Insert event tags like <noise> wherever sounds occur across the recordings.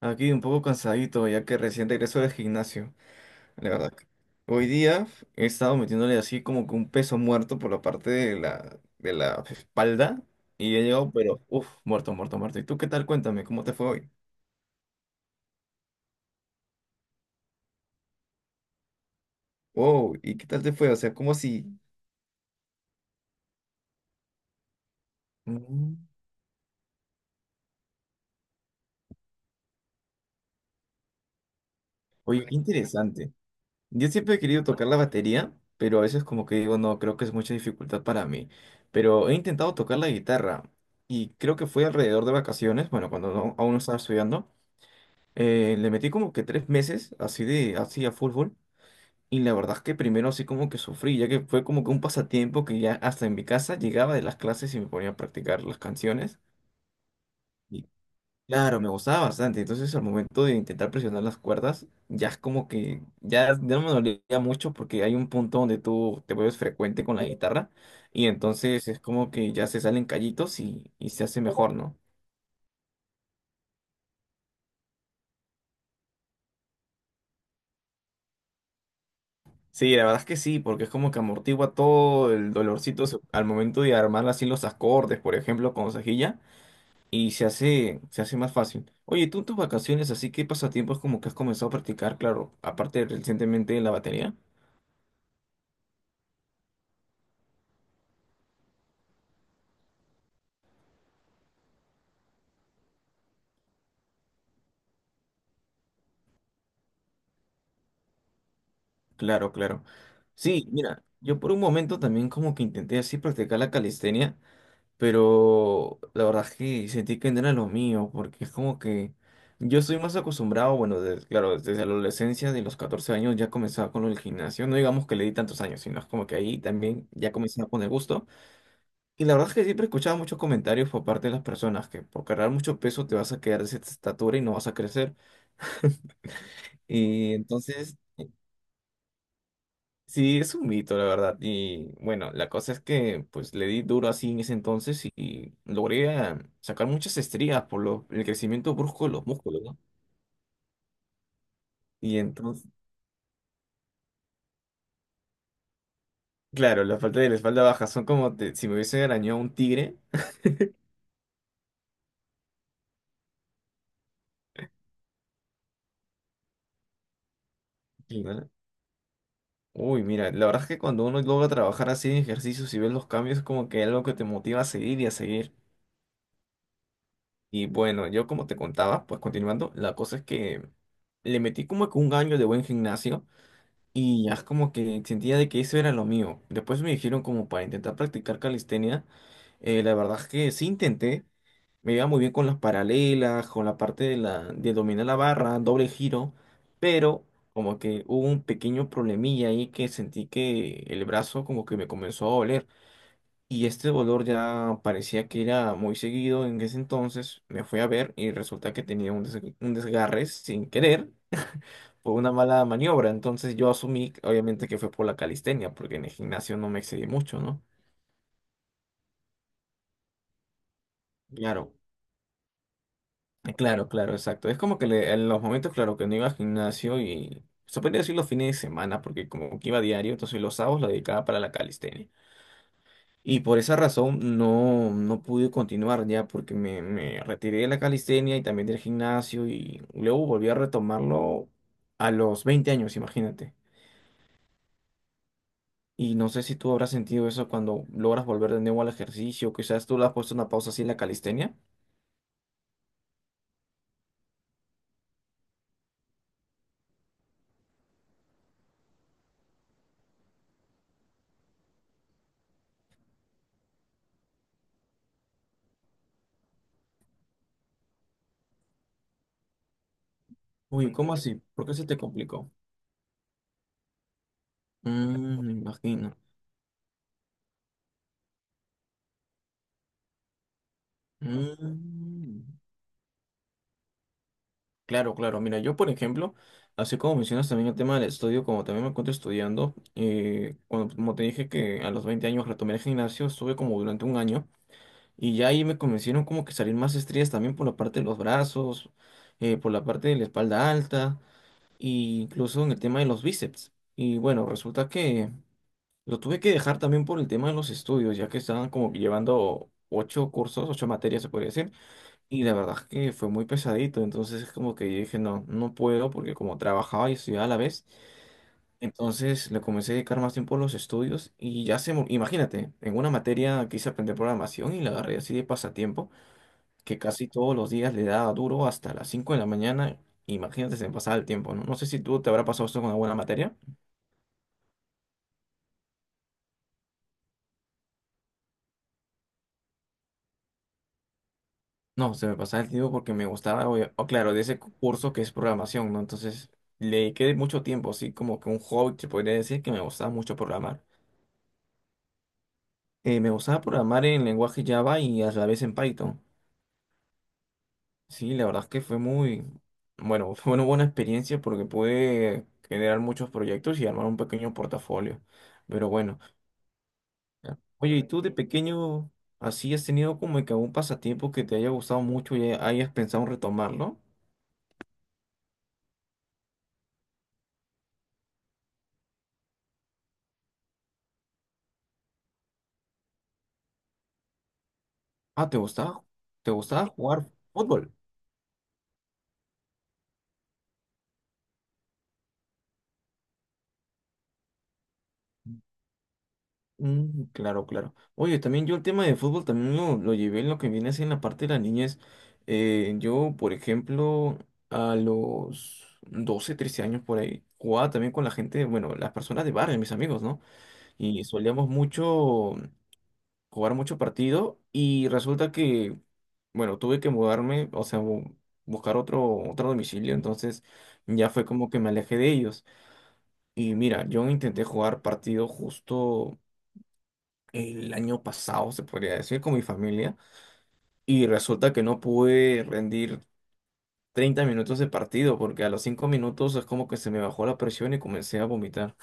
Aquí un poco cansadito, ya que recién regreso del gimnasio, la verdad. Hoy día he estado metiéndole así como que un peso muerto por la parte de la espalda y he llegado, pero uff, muerto, muerto, muerto. ¿Y tú qué tal? Cuéntame, ¿cómo te fue hoy? Wow, ¿y qué tal te fue? O sea, como si... Mm, Oye, qué interesante. Yo siempre he querido tocar la batería, pero a veces como que digo, no, creo que es mucha dificultad para mí. Pero he intentado tocar la guitarra y creo que fue alrededor de vacaciones, bueno, cuando aún no estaba estudiando. Le metí como que 3 meses así de así a fútbol y la verdad es que primero así como que sufrí, ya que fue como que un pasatiempo que ya hasta en mi casa llegaba de las clases y me ponía a practicar las canciones y claro, me gustaba bastante, entonces al momento de intentar presionar las cuerdas ya es como que ya no me dolía mucho porque hay un punto donde tú te vuelves frecuente con la guitarra y entonces es como que ya se salen callitos y se hace mejor, ¿no? Sí, la verdad es que sí, porque es como que amortigua todo el dolorcito al momento de armar así los acordes, por ejemplo, con cejilla, y se hace más fácil. Oye, tú en tus vacaciones, así que pasatiempos como que has comenzado a practicar, claro, aparte de recientemente la batería. Claro, claro. Sí, mira, yo por un momento también como que intenté así practicar la calistenia. Pero la verdad es que sentí que no era lo mío, porque es como que yo estoy más acostumbrado, bueno, claro, desde la adolescencia, de los 14 años ya comenzaba con el gimnasio, no digamos que le di tantos años, sino es como que ahí también ya comenzaba con el gusto. Y la verdad es que siempre escuchaba muchos comentarios por parte de las personas que por cargar mucho peso te vas a quedar de esa estatura y no vas a crecer. <laughs> Y entonces. Sí, es un mito, la verdad. Y bueno, la cosa es que pues le di duro así en ese entonces y logré sacar muchas estrías por el crecimiento brusco de los músculos, ¿no? Y entonces, claro, la falta de la espalda baja son como si me hubiese arañado un tigre. Y, ¿no? Uy, mira, la verdad es que cuando uno logra trabajar así en ejercicios y ves los cambios, es como que algo que te motiva a seguir. Y bueno, yo como te contaba, pues continuando, la cosa es que le metí como que un año de buen gimnasio. Y ya es como que sentía de que eso era lo mío. Después me dijeron como para intentar practicar calistenia. La verdad es que sí intenté. Me iba muy bien con las paralelas, con la parte de la, de dominar la barra, doble giro. Pero como que hubo un pequeño problemilla ahí que sentí que el brazo como que me comenzó a doler. Y este dolor ya parecía que era muy seguido en ese entonces. Me fui a ver y resulta que tenía un desgarre sin querer, fue una mala maniobra. Entonces yo asumí, obviamente, que fue por la calistenia, porque en el gimnasio no me excedí mucho, ¿no? Claro. Claro, claro, exacto. Es como que en los momentos, claro, que no iba al gimnasio y se podría decir los fines de semana, porque como que iba diario, entonces los sábados lo dedicaba para la calistenia. Y por esa razón no, no pude continuar ya, porque me retiré de la calistenia y también del gimnasio y luego volví a retomarlo a los 20 años, imagínate. Y no sé si tú habrás sentido eso cuando logras volver de nuevo al ejercicio, quizás tú le has puesto una pausa así en la calistenia. Uy, ¿cómo así? ¿Por qué se te complicó? Mm, me imagino. Mm, Claro, claro. Mira, yo por ejemplo, así como mencionas también el tema del estudio, como también me encuentro estudiando, como te dije que a los 20 años retomé el gimnasio, estuve como durante un año y ya ahí me convencieron como que salir más estrías también por la parte de los brazos, por la parte de la espalda alta, y incluso en el tema de los bíceps. Y bueno, resulta que lo tuve que dejar también por el tema de los estudios, ya que estaban como que llevando ocho cursos, ocho materias se podría decir, y la verdad es que fue muy pesadito, entonces es como que yo dije, no, no puedo, porque como trabajaba y estudiaba a la vez, entonces le comencé a dedicar más tiempo a los estudios y ya imagínate, en una materia quise aprender programación y la agarré así de pasatiempo que casi todos los días le daba duro hasta las 5 de la mañana. Imagínate, se me pasaba el tiempo, ¿no? No sé si tú te habrá pasado esto con alguna materia. No, se me pasaba el tiempo porque me gustaba, o claro, de ese curso que es programación, ¿no? Entonces le dediqué mucho tiempo, así como que un hobby, se podría decir que me gustaba mucho programar. Me gustaba programar en lenguaje Java y a la vez en Python. Sí, la verdad es que fue muy, bueno, <laughs> fue una buena experiencia porque pude generar muchos proyectos y armar un pequeño portafolio. Pero bueno. Ya. Oye, ¿y tú de pequeño así has tenido como que algún pasatiempo que te haya gustado mucho y hayas pensado en retomarlo? Ah, ¿te gustaba? ¿Te gustaba jugar fútbol? Mm, claro, claro. Oye, también yo el tema de fútbol también lo llevé en lo que viene a ser en la parte de la niñez. Yo, por ejemplo, a los 12, 13 años por ahí, jugaba también con la gente, bueno, las personas de barrio, mis amigos, ¿no? Y solíamos mucho jugar mucho partido y resulta que, bueno, tuve que mudarme, o sea, buscar otro domicilio, entonces ya fue como que me alejé de ellos. Y mira, yo intenté jugar partido justo el año pasado, se podría decir, con mi familia, y resulta que no pude rendir 30 minutos de partido porque a los 5 minutos es como que se me bajó la presión y comencé a vomitar.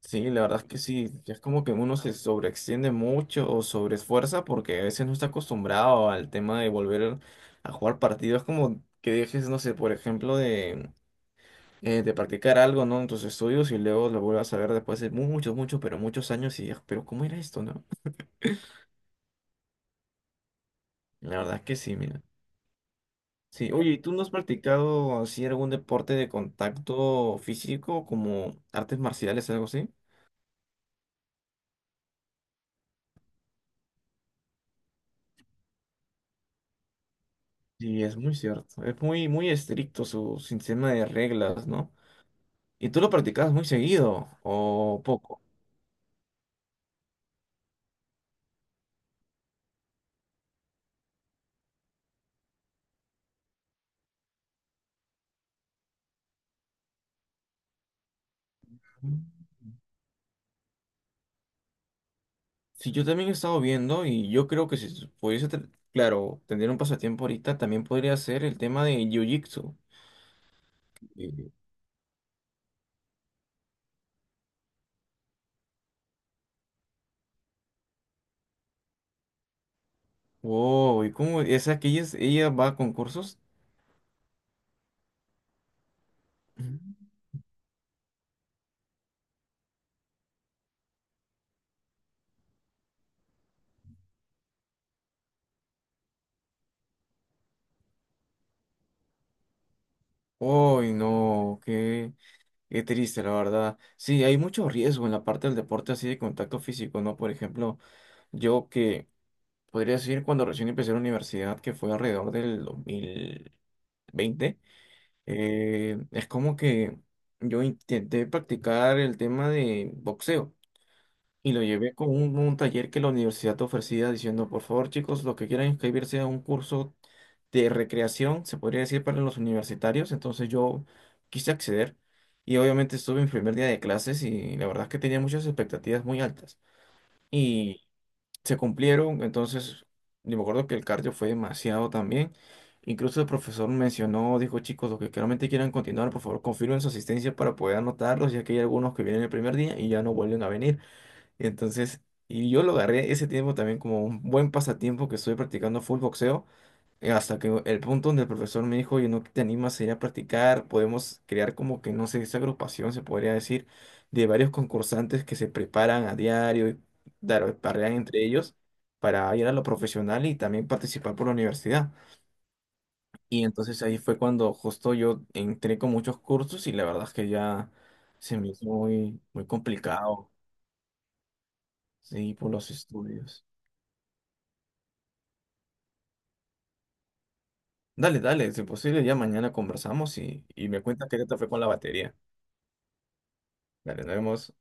Sí, la verdad es que sí, ya es como que uno se sobreextiende mucho o sobreesfuerza porque a veces no está acostumbrado al tema de volver a jugar partidos, como que dejes, no sé, por ejemplo, de practicar algo, ¿no? En tus estudios y luego lo vuelvas a ver después de muchos, muchos, pero muchos años y digas, pero ¿cómo era esto, no? La verdad es que sí, mira. Sí, oye, ¿y tú no has practicado así algún deporte de contacto físico como artes marciales, algo así? Sí, es muy cierto. Es muy, muy estricto su sistema de reglas, ¿no? ¿Y tú lo practicas muy seguido o poco? Sí, yo también he estado viendo y yo creo que si pudiese, claro, tener un pasatiempo ahorita también podría ser el tema de Jiu-Jitsu. Y- Wow, ¿y cómo? ¿Esa que ella, ella va a concursos? Ujú. Uy, no, qué, qué triste, la verdad. Sí, hay mucho riesgo en la parte del deporte así de contacto físico, ¿no? Por ejemplo, yo que podría decir cuando recién empecé la universidad, que fue alrededor del 2020. Es como que yo intenté practicar el tema de boxeo y lo llevé con un taller que la universidad ofrecía diciendo, por favor chicos, los que quieran inscribirse a un curso de recreación, se podría decir para los universitarios, entonces yo quise acceder y obviamente estuve en primer día de clases y la verdad es que tenía muchas expectativas muy altas, se cumplieron, entonces yo me acuerdo que el cardio fue demasiado también. Incluso el profesor mencionó, dijo, chicos, los que claramente quieran continuar, por favor, confirmen su asistencia para poder anotarlos, ya que hay algunos que vienen el primer día y ya no vuelven a venir. Y entonces, y yo lo agarré ese tiempo también como un buen pasatiempo que estoy practicando full boxeo, hasta que el punto donde el profesor me dijo, oye, ¿no te animas a ir a practicar? Podemos crear como que, no sé, esa agrupación, se podría decir, de varios concursantes que se preparan a diario y parean entre ellos para ir a lo profesional y también participar por la universidad. Y entonces ahí fue cuando justo yo entré con muchos cursos y la verdad es que ya se me hizo muy, muy complicado, sí, por los estudios. Dale, dale, si posible, ya mañana conversamos y me cuentas qué tal te fue con la batería. Dale, nos vemos.